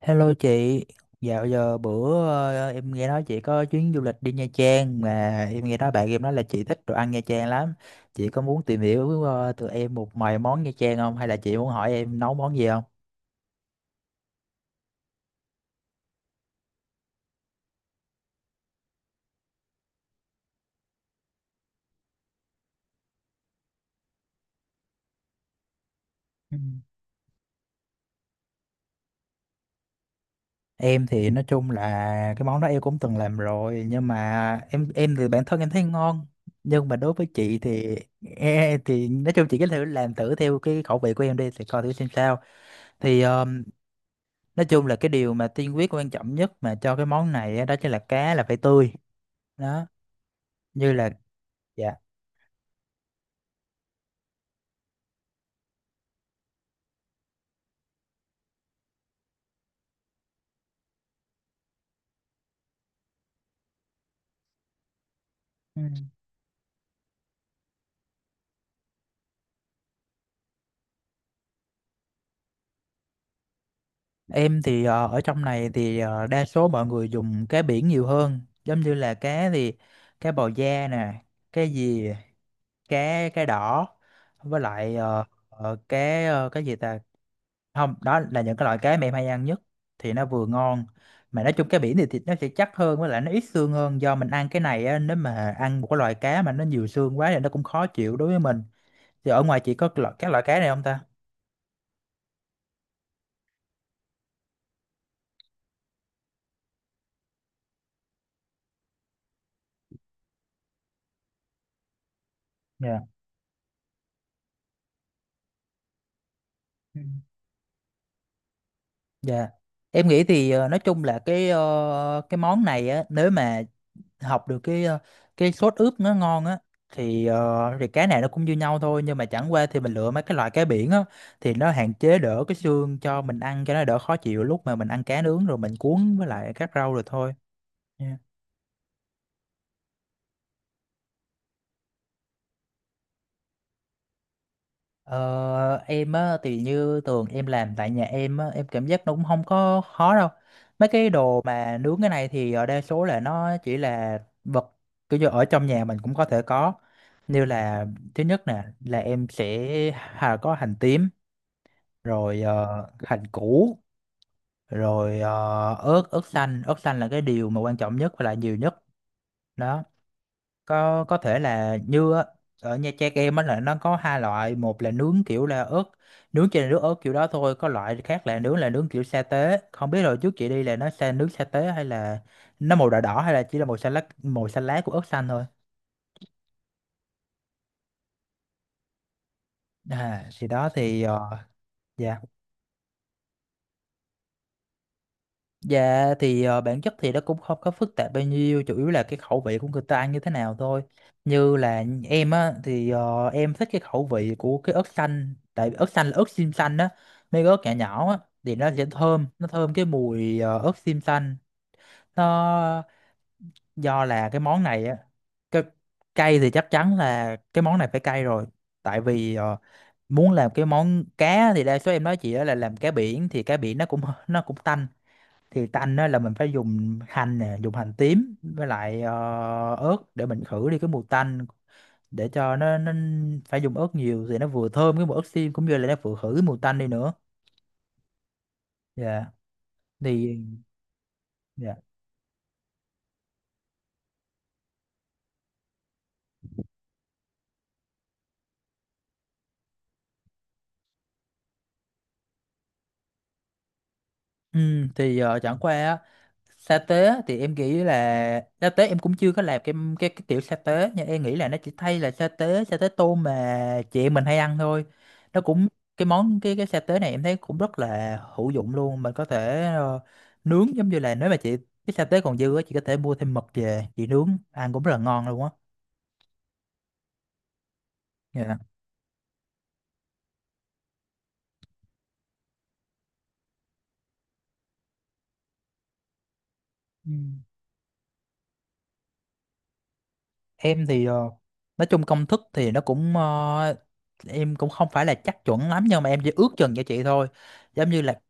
Hello chị, dạo giờ bữa em nghe nói chị có chuyến du lịch đi Nha Trang mà em nghe nói bạn em nói là chị thích đồ ăn Nha Trang lắm. Chị có muốn tìm hiểu từ em một vài món Nha Trang không hay là chị muốn hỏi em nấu món gì không? Ừ. Em thì nói chung là cái món đó em cũng từng làm rồi nhưng mà em thì bản thân em thấy ngon nhưng mà đối với chị thì thì nói chung chị cứ thử làm thử theo cái khẩu vị của em đi thì coi thử xem sao, thì nói chung là cái điều mà tiên quyết quan trọng nhất mà cho cái món này á, đó chính là cá là phải tươi đó, như là dạ, ừ. Em thì ở trong này thì đa số mọi người dùng cá biển nhiều hơn, giống như là cá thì cá bào da nè, cá gì, cá cá đỏ, với lại cá cái gì ta, không, đó là những cái loại cá mà em hay ăn nhất, thì nó vừa ngon mà nói chung cá biển thì thịt nó sẽ chắc hơn với lại nó ít xương hơn, do mình ăn cái này á, nếu mà ăn một cái loại cá mà nó nhiều xương quá thì nó cũng khó chịu đối với mình, thì ở ngoài chị có cái loại các loại cá này không ta. Dạ. Ừ. Dạ. Em nghĩ thì nói chung là cái cái món này á, nếu mà học được cái cái sốt ướp nó ngon á thì thì cá này nó cũng như nhau thôi, nhưng mà chẳng qua thì mình lựa mấy cái loại cá biển á thì nó hạn chế đỡ cái xương cho mình ăn cho nó đỡ khó chịu, lúc mà mình ăn cá nướng rồi mình cuốn với lại các rau rồi thôi. Nha. Ờ, em á thì như tường em làm tại nhà em á em cảm giác nó cũng không có khó đâu, mấy cái đồ mà nướng cái này thì ở đa số là nó chỉ là vật, kiểu như ở trong nhà mình cũng có thể có, như là thứ nhất nè là em sẽ có hành tím, rồi hành củ, rồi ớt ớt xanh, ớt xanh là cái điều mà quan trọng nhất và là nhiều nhất đó, có thể là như á, ở Nha Trang em á là nó có hai loại, một là nướng kiểu là ớt nướng trên nước ớt kiểu đó thôi, có loại khác là nướng kiểu sa tế, không biết rồi trước chị đi là nó sa nướng sa tế hay là nó màu đỏ đỏ hay là chỉ là màu xanh lá, màu xanh lá của ớt xanh thôi. À, thì đó thì dạ. Dạ thì bản chất thì nó cũng không có phức tạp bao nhiêu, chủ yếu là cái khẩu vị của người ta ăn như thế nào thôi, như là em á thì em thích cái khẩu vị của cái ớt xanh tại vì ớt xanh là ớt xiêm xanh á, mấy cái ớt nhỏ nhỏ á, thì nó sẽ thơm, nó thơm cái mùi ớt xiêm xanh, nó do là cái món này á, cái cay thì chắc chắn là cái món này phải cay rồi, tại vì muốn làm cái món cá thì đa số em nói chị á là làm cá biển thì cá biển nó cũng nó cũng tanh, thì tanh á là mình phải dùng hành nè, dùng hành tím với lại ớt để mình khử đi cái mùi tanh, để cho nó phải dùng ớt nhiều thì nó vừa thơm cái mùi ớt xiêm cũng như là nó vừa khử cái mùi tanh đi nữa, dạ thì dạ. Ừ, thì chẳng qua á, sa tế á, thì em nghĩ là sa tế em cũng chưa có làm cái cái kiểu sa tế, nhưng em nghĩ là nó chỉ thay là sa tế, sa tế tôm mà chị em mình hay ăn thôi, nó cũng cái món cái sa tế này em thấy cũng rất là hữu dụng luôn, mình có thể nướng giống như là nếu mà chị, cái sa tế còn dư á chị có thể mua thêm mực về chị nướng ăn cũng rất là ngon luôn á. Dạ. Ừ. Em thì nói chung công thức thì nó cũng em cũng không phải là chắc chuẩn lắm nhưng mà em chỉ ước chừng cho chị thôi, giống như là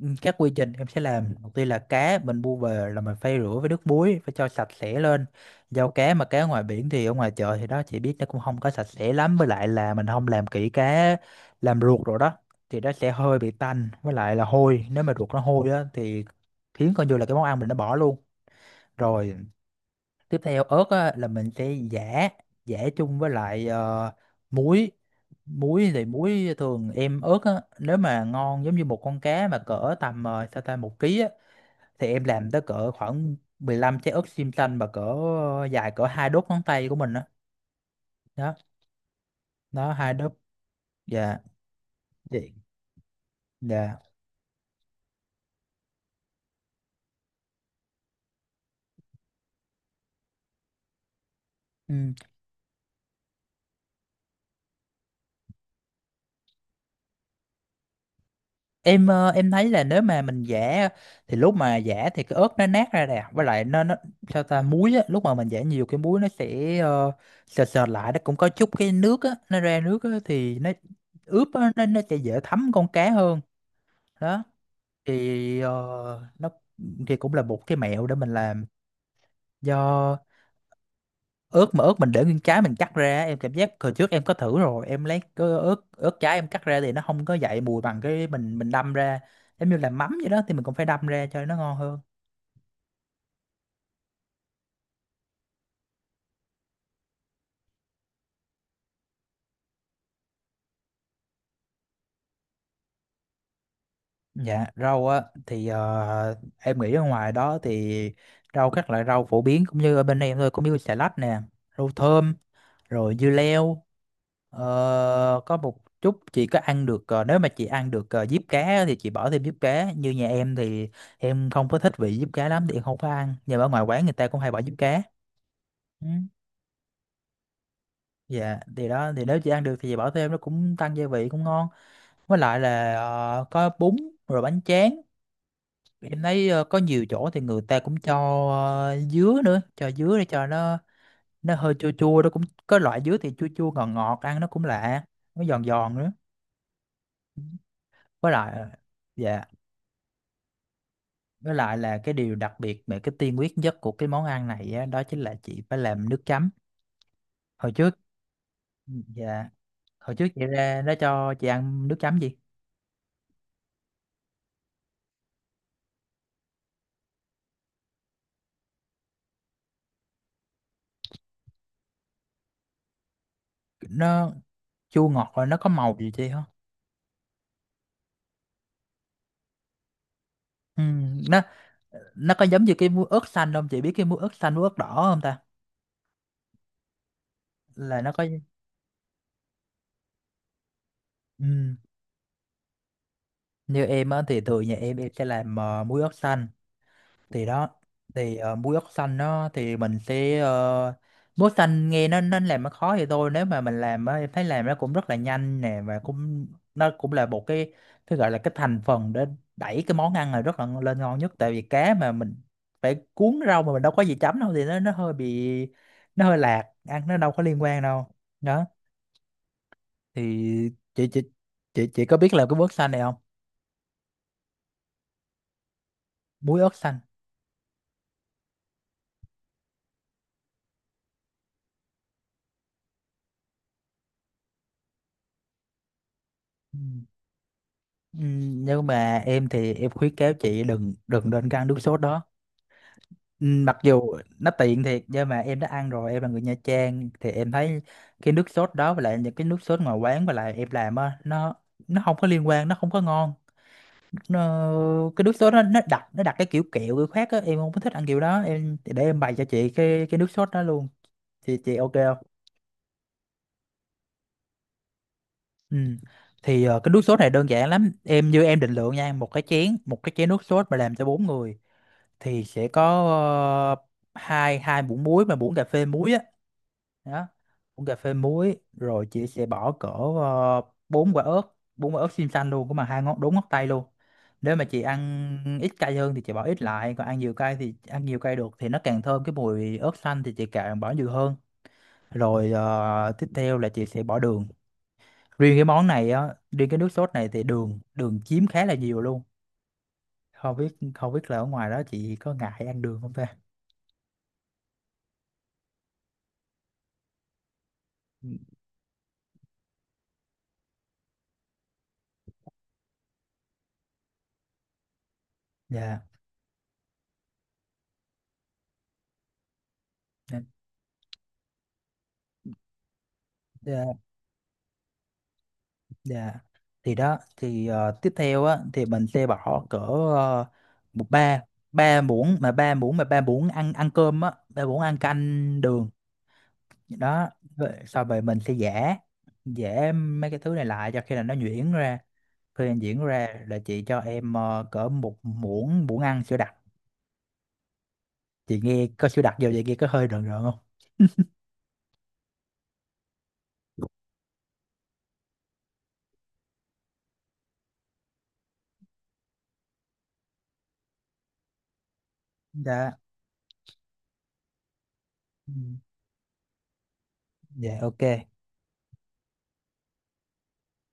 ừ, các quy trình em sẽ làm đầu tiên là cá mình mua về là mình phải rửa với nước muối, phải cho sạch sẽ lên, giao cá mà cá ngoài biển thì ở ngoài chợ thì đó chị biết nó cũng không có sạch sẽ lắm, với lại là mình không làm kỹ cá, làm ruột rồi đó, thì nó sẽ hơi bị tanh với lại là hôi, nếu mà ruột nó hôi á thì khiến coi như là cái món ăn mình nó bỏ luôn rồi. Tiếp theo ớt á, là mình sẽ giã, giã chung với lại muối, muối thì muối thường em, ớt á, nếu mà ngon giống như một con cá mà cỡ tầm sao ta 1 ký á, thì em làm tới cỡ khoảng 15 trái ớt xiêm xanh mà cỡ dài cỡ 2 đốt ngón tay của mình á đó, đó 2 đốt, dạ, dạ, dạ. Ừ. Em em thấy là nếu mà mình giã thì lúc mà giã thì cái ớt nó nát ra nè, với lại nó sao ta muối á lúc mà mình giã nhiều cái muối nó sẽ sệt sệt lại, nó cũng có chút cái nước á, nó ra nước á thì nó ướp á, nó sẽ dễ thấm con cá hơn đó, thì nó thì cũng là một cái mẹo để mình làm, do ớt mà ớt mình để nguyên trái mình cắt ra em cảm giác hồi trước em có thử rồi, em lấy cái ớt ớt trái em cắt ra thì nó không có dậy mùi bằng cái mình đâm ra, giống như là mắm vậy đó thì mình cũng phải đâm ra cho nó ngon hơn. Dạ rau á thì em nghĩ ở ngoài đó thì rau các loại rau phổ biến cũng như ở bên em thôi, cũng như xà lách nè, rau thơm, rồi dưa leo. Ờ, có một chút, chị có ăn được nếu mà chị ăn được diếp cá á thì chị bỏ thêm diếp cá, như nhà em thì em không có thích vị diếp cá lắm thì em không có ăn, nhưng mà ở ngoài quán người ta cũng hay bỏ diếp cá. Ừ. Dạ thì đó thì nếu chị ăn được thì chị bỏ thêm nó cũng tăng gia vị cũng ngon, với lại là có bún, rồi bánh tráng. Em thấy có nhiều chỗ thì người ta cũng cho dứa nữa, cho dứa để cho nó hơi chua chua, nó cũng có loại dứa thì chua chua ngọt ngọt ăn nó cũng lạ, nó giòn giòn nữa, với lại dạ. Với lại là cái điều đặc biệt về cái tiên quyết nhất của cái món ăn này á, đó chính là chị phải làm nước chấm. Hồi trước ừ, dạ, hồi trước chị ra nó cho chị ăn nước chấm gì? Nó chua ngọt rồi nó có màu gì chị không? Ừ, nó nó có giống như cái muối ớt xanh không? Chị biết cái muối ớt xanh muối ớt đỏ không ta? Là nó có ừ, như em á thì thường nhà em sẽ làm muối ớt xanh thì đó thì muối ớt xanh nó thì mình sẽ muối xanh nghe nó làm nó khó thì thôi, nếu mà mình làm á em thấy làm nó cũng rất là nhanh nè, và cũng nó cũng là một cái gọi là cái thành phần để đẩy cái món ăn này rất là lên ngon nhất, tại vì cá mà mình phải cuốn rau mà mình đâu có gì chấm đâu thì nó hơi bị, nó hơi lạc ăn, nó đâu có liên quan đâu. Đó thì chị chị chị có biết làm cái muối ớt xanh này không? Muối ớt xanh. Ừ, nếu mà em thì em khuyến cáo chị đừng đừng nên ăn nước sốt đó. Ừ, mặc dù nó tiện thiệt nhưng mà em đã ăn rồi, em là người Nha Trang thì em thấy cái nước sốt đó với lại những cái nước sốt ngoài quán với lại em làm á, nó không có liên quan, nó không có ngon. Nó, cái nước sốt nó đặc, nó đặc cái kiểu kẹo kiểu khác á, em không có thích ăn kiểu đó, em để em bày cho chị cái nước sốt đó luôn. Chị ok không? Ừ. Thì cái nước sốt này đơn giản lắm em, như em định lượng nha, một cái chén, một cái chén nước sốt mà làm cho bốn người thì sẽ có ờ, hai hai muỗng muối, mà muỗng cà phê muối á. Đó, muỗng cà phê muối, rồi chị sẽ bỏ cỡ ờ, bốn quả ớt, bốn quả ớt xiêm xanh luôn, cũng mà hai ngón đúng ngón tay luôn. Nếu mà chị ăn ít cay hơn thì chị bỏ ít lại, còn ăn nhiều cay thì ăn nhiều cay được, thì nó càng thơm cái mùi ớt xanh thì chị càng bỏ nhiều hơn. Rồi tiếp theo là chị sẽ bỏ đường. Riêng cái món này á, riêng cái nước sốt này thì đường, đường chiếm khá là nhiều luôn. Không biết là ở ngoài đó chị có ngại ăn đường không ta? Dạ, dạ, dạ. Dạ. Thì đó, thì tiếp theo á, thì mình sẽ bỏ cỡ một ba, ba muỗng, mà ba muỗng ăn, ăn cơm á, ba muỗng ăn canh đường. Đó. Rồi sau về mình sẽ giã, giã mấy cái thứ này lại cho khi là nó nhuyễn ra, khi nó nhuyễn ra là chị cho em cỡ một muỗng, muỗng ăn sữa đặc. Chị nghe có sữa đặc vô vậy nghe có hơi rợn rợn không? Dạ, ừ. Dạ ok.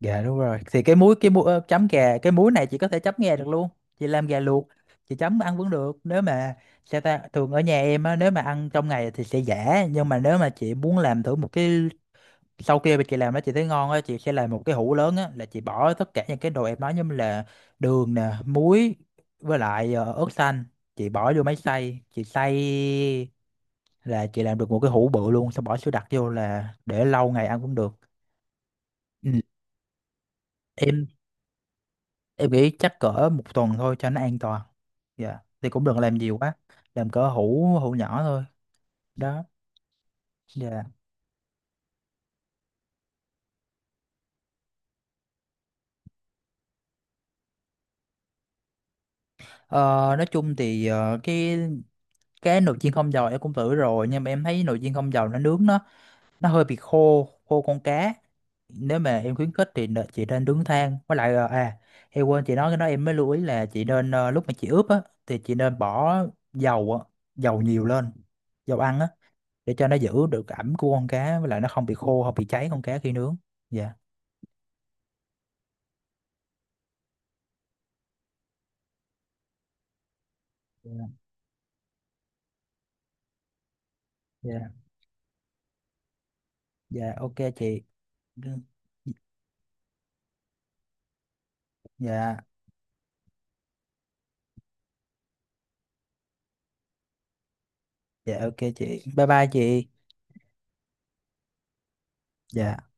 Gà đúng rồi. Thì cái muối, cái muối chấm gà, cái muối này chị có thể chấm gà được luôn. Chị làm gà luộc, chị chấm ăn vẫn được. Nếu mà sao ta, thường ở nhà em á, nếu mà ăn trong ngày thì sẽ giả, nhưng mà nếu mà chị muốn làm thử một cái sau kia mà chị làm nó chị thấy ngon á, chị sẽ làm một cái hũ lớn á, là chị bỏ tất cả những cái đồ em nói như là đường nè, muối với lại ớt xanh, chị bỏ vô máy xay, chị xay là chị làm được một cái hũ bự luôn, xong bỏ sữa đặc vô là để lâu ngày ăn cũng được. Ừ. Em em nghĩ chắc cỡ một tuần thôi cho nó an toàn. Dạ thì cũng đừng làm nhiều quá, làm cỡ hũ hũ nhỏ thôi. Đó. Dạ. Ờ, nói chung thì cái nồi chiên không dầu em cũng thử rồi, nhưng mà em thấy nồi chiên không dầu nó nướng nó hơi bị khô khô con cá. Nếu mà em khuyến khích thì nè- chị nên nướng than với lại em quên chị nói cái đó, em mới lưu ý là chị nên lúc mà chị ướp á thì chị nên bỏ dầu á, dầu nhiều lên, dầu ăn á, để cho nó giữ được ẩm của con cá, với lại nó không bị khô, không bị cháy con cá khi nướng. Dạ. Dạ. Dạ. Dạ ok chị. Dạ. Dạ ok chị, bye bye chị. Dạ.